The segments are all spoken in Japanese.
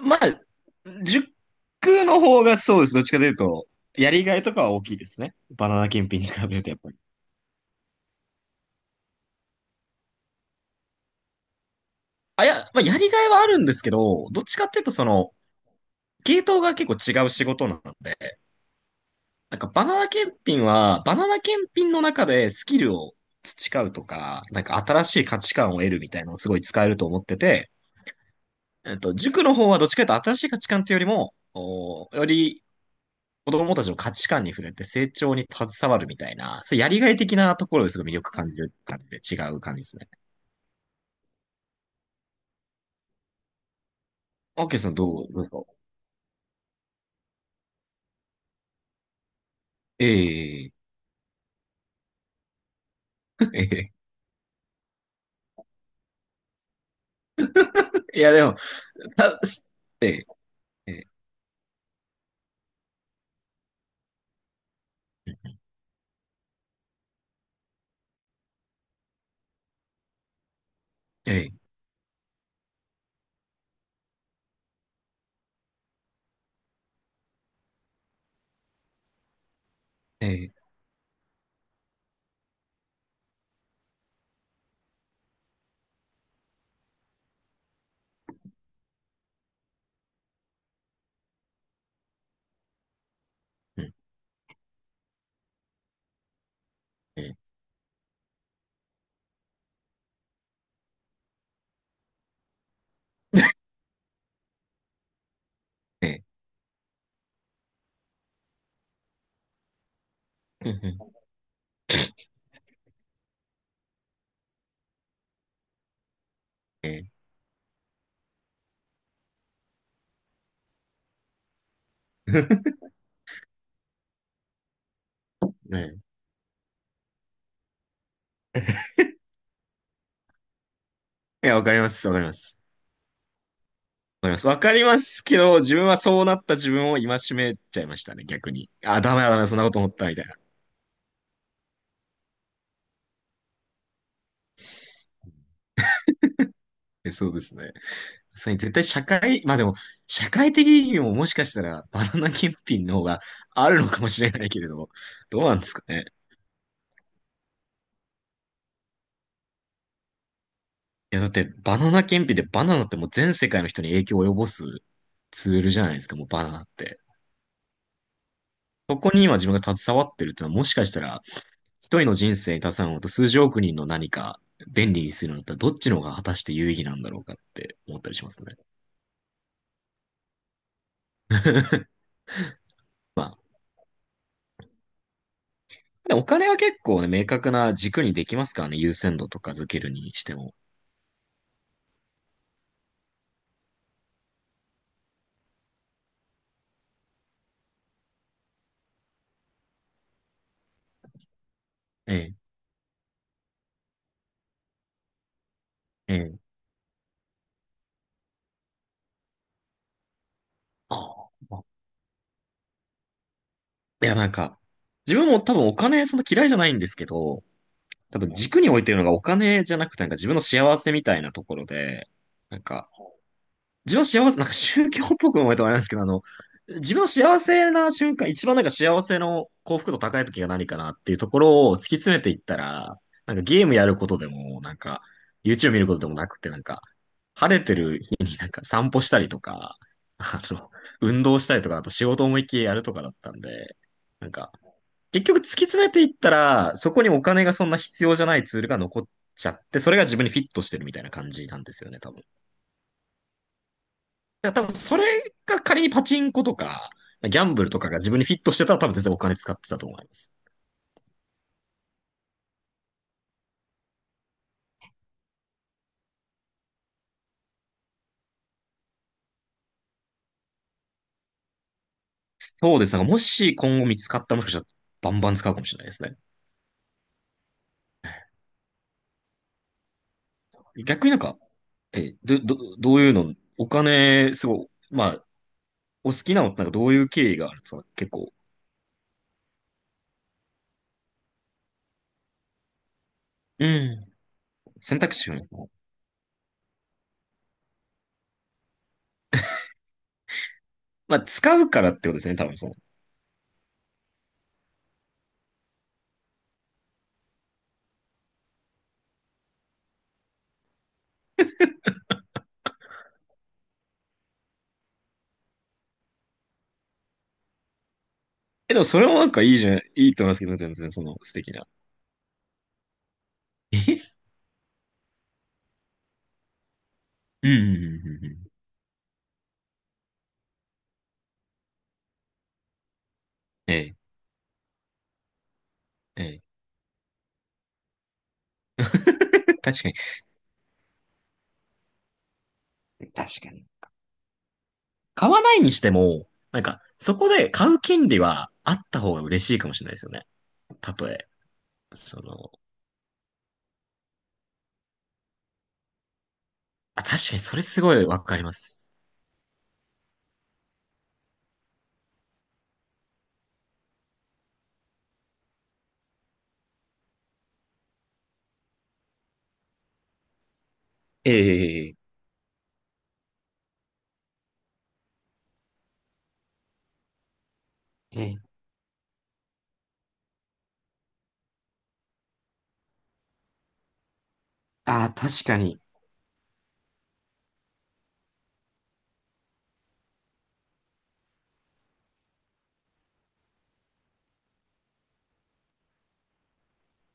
まあ、塾の方がそうです。どっちかというと、やりがいとかは大きいですね。バナナ検品に比べるとやっぱり。あ、いや、まあ、やりがいはあるんですけど、どっちかっていうとその、系統が結構違う仕事なので、なんかバナナ検品は、バナナ検品の中でスキルを培うとか、なんか新しい価値観を得るみたいなのをすごい使えると思ってて、塾の方はどっちかというと新しい価値観っていうよりも、より子供たちの価値観に触れて成長に携わるみたいな、そういうやりがい的なところですごい魅力感じる感じで違う感じですね。オーケーさんどうですか？ええー。ええー。いやでも、たええええええええ。うん。ええええ。うん、うん。えええ。 え。いや、わかります、わかります。わかります。わかりますけど、自分はそうなった自分を戒めちゃいましたね、逆に。あ、ダメだ、ダメだ、そんなこと思った、みたいな。え、そうですね。そう絶対社会、まあでも、社会的意義ももしかしたらバナナ検品の方があるのかもしれないけれども、どうなんですかね。いや、だってバナナ検品でバナナってもう全世界の人に影響を及ぼすツールじゃないですか、もうバナナって。そこに今自分が携わってるってのはもしかしたら一人の人生に携わるのと数十億人の何か便利にするのだったらどっちの方が果たして有意義なんだろうかって思ったりしますね。まあ、でお金は結構ね、明確な軸にできますからね、優先度とか付けるにしても。ええ。ええ。ああ。いや、なんか、自分も多分お金、その嫌いじゃないんですけど、多分軸に置いてるのがお金じゃなくて、なんか自分の幸せみたいなところで、なんか、自分は幸せ、なんか宗教っぽく思えたらあれなんですけど、あの、自分は幸せな瞬間、一番なんか幸せの幸福度高い時が何かなっていうところを突き詰めていったら、なんかゲームやることでも、なんか YouTube 見ることでもなくて、なんか晴れてる日になんか散歩したりとか、あの、運動したりとか、あと仕事思いっきりやるとかだったんで、なんか結局突き詰めていったら、そこにお金がそんな必要じゃないツールが残っちゃって、それが自分にフィットしてるみたいな感じなんですよね、多分。や、多分それが仮にパチンコとか、ギャンブルとかが自分にフィットしてたら多分全然お金使ってたと思います。そうですね。もし今後見つかったらもしかしたらバンバン使うかもしれないですね。逆になんか、え、ど、ど、どういうの、お金、すごい、まあ、お好きなのってなんかどういう経緯があるんですか結構？うん。選択肢がね。まあ、使うからってことですね、多分その。え、でもそれもなんかいいじゃん、いいと思いますけどね、全然その素敵な。え。うん、うん、うん、うん、うん。ええ、ええ。確かに。確かに。買わないにしても、なんか、そこで買う権利はあった方が嬉しいかもしれないですよね。たとえ。その、あ、確かにそれすごいわかります。ええ。ええ。ああ、確かに。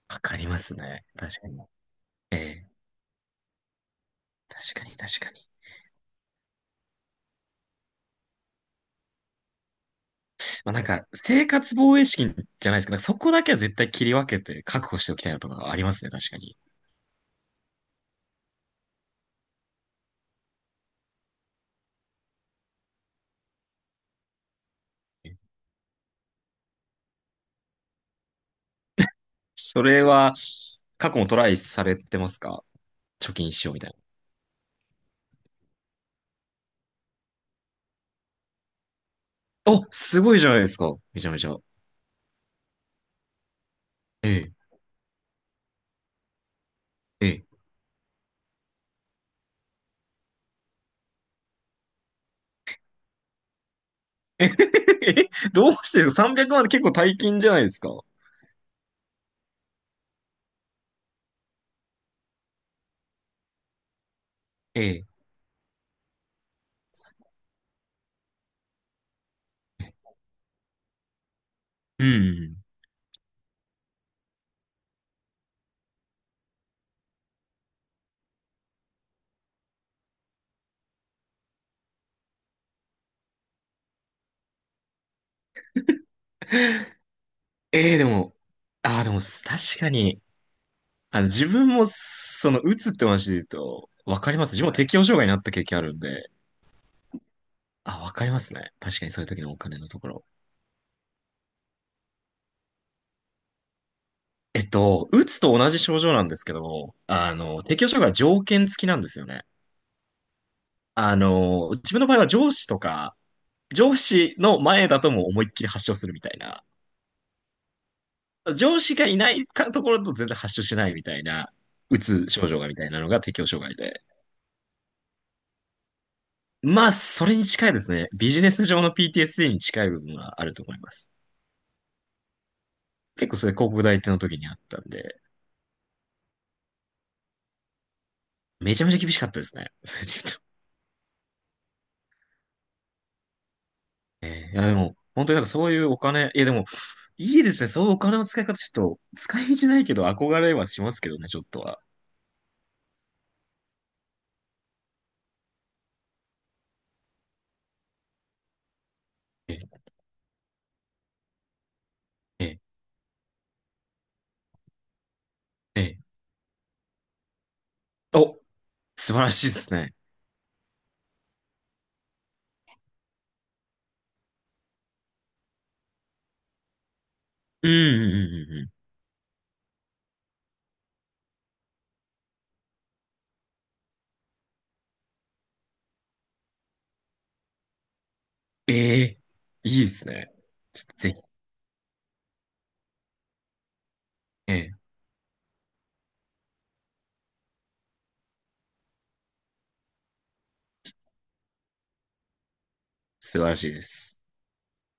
わかりますね。確かに。ええ。確かに、確かに。まあ、なんか、生活防衛資金じゃないですけど、そこだけは絶対切り分けて確保しておきたいなとかありますね、確かに。それは、過去もトライされてますか？貯金しようみたいな。お、すごいじゃないですか。めちゃめちゃ。ええ。ええ。 え、どうしてですか ?300 万って結構大金じゃないですか？ええ。うん。ええ、でも、ああ、でも、確かに、あの、自分も、その、打つって話で言うと、わかります。自分も適応障害になった経験あるんで、あ、わかりますね。確かにそういう時のお金のところ。打つと同じ症状なんですけど、あの、適応障害は条件付きなんですよね。あの、自分の場合は上司とか、上司の前だともう思いっきり発症するみたいな。上司がいないかところと全然発症しないみたいな、うつ症状がみたいなのが適応障害で。まあ、それに近いですね。ビジネス上の PTSD に近い部分はあると思います。結構それ広告代理店の時にあったんで、めちゃめちゃ厳しかったですね。それで言うと。いや、でも、本当になんかそういうお金、いやでも、いいですね。そういうお金の使い方、ちょっと、使い道ないけど憧れはしますけどね、ちょっとは。え、え、え、お、素晴らしいですね。うん、うん、うん、うん。うん。ええ。いいですね。ちょっとぜひ。ええ、素晴らしいです。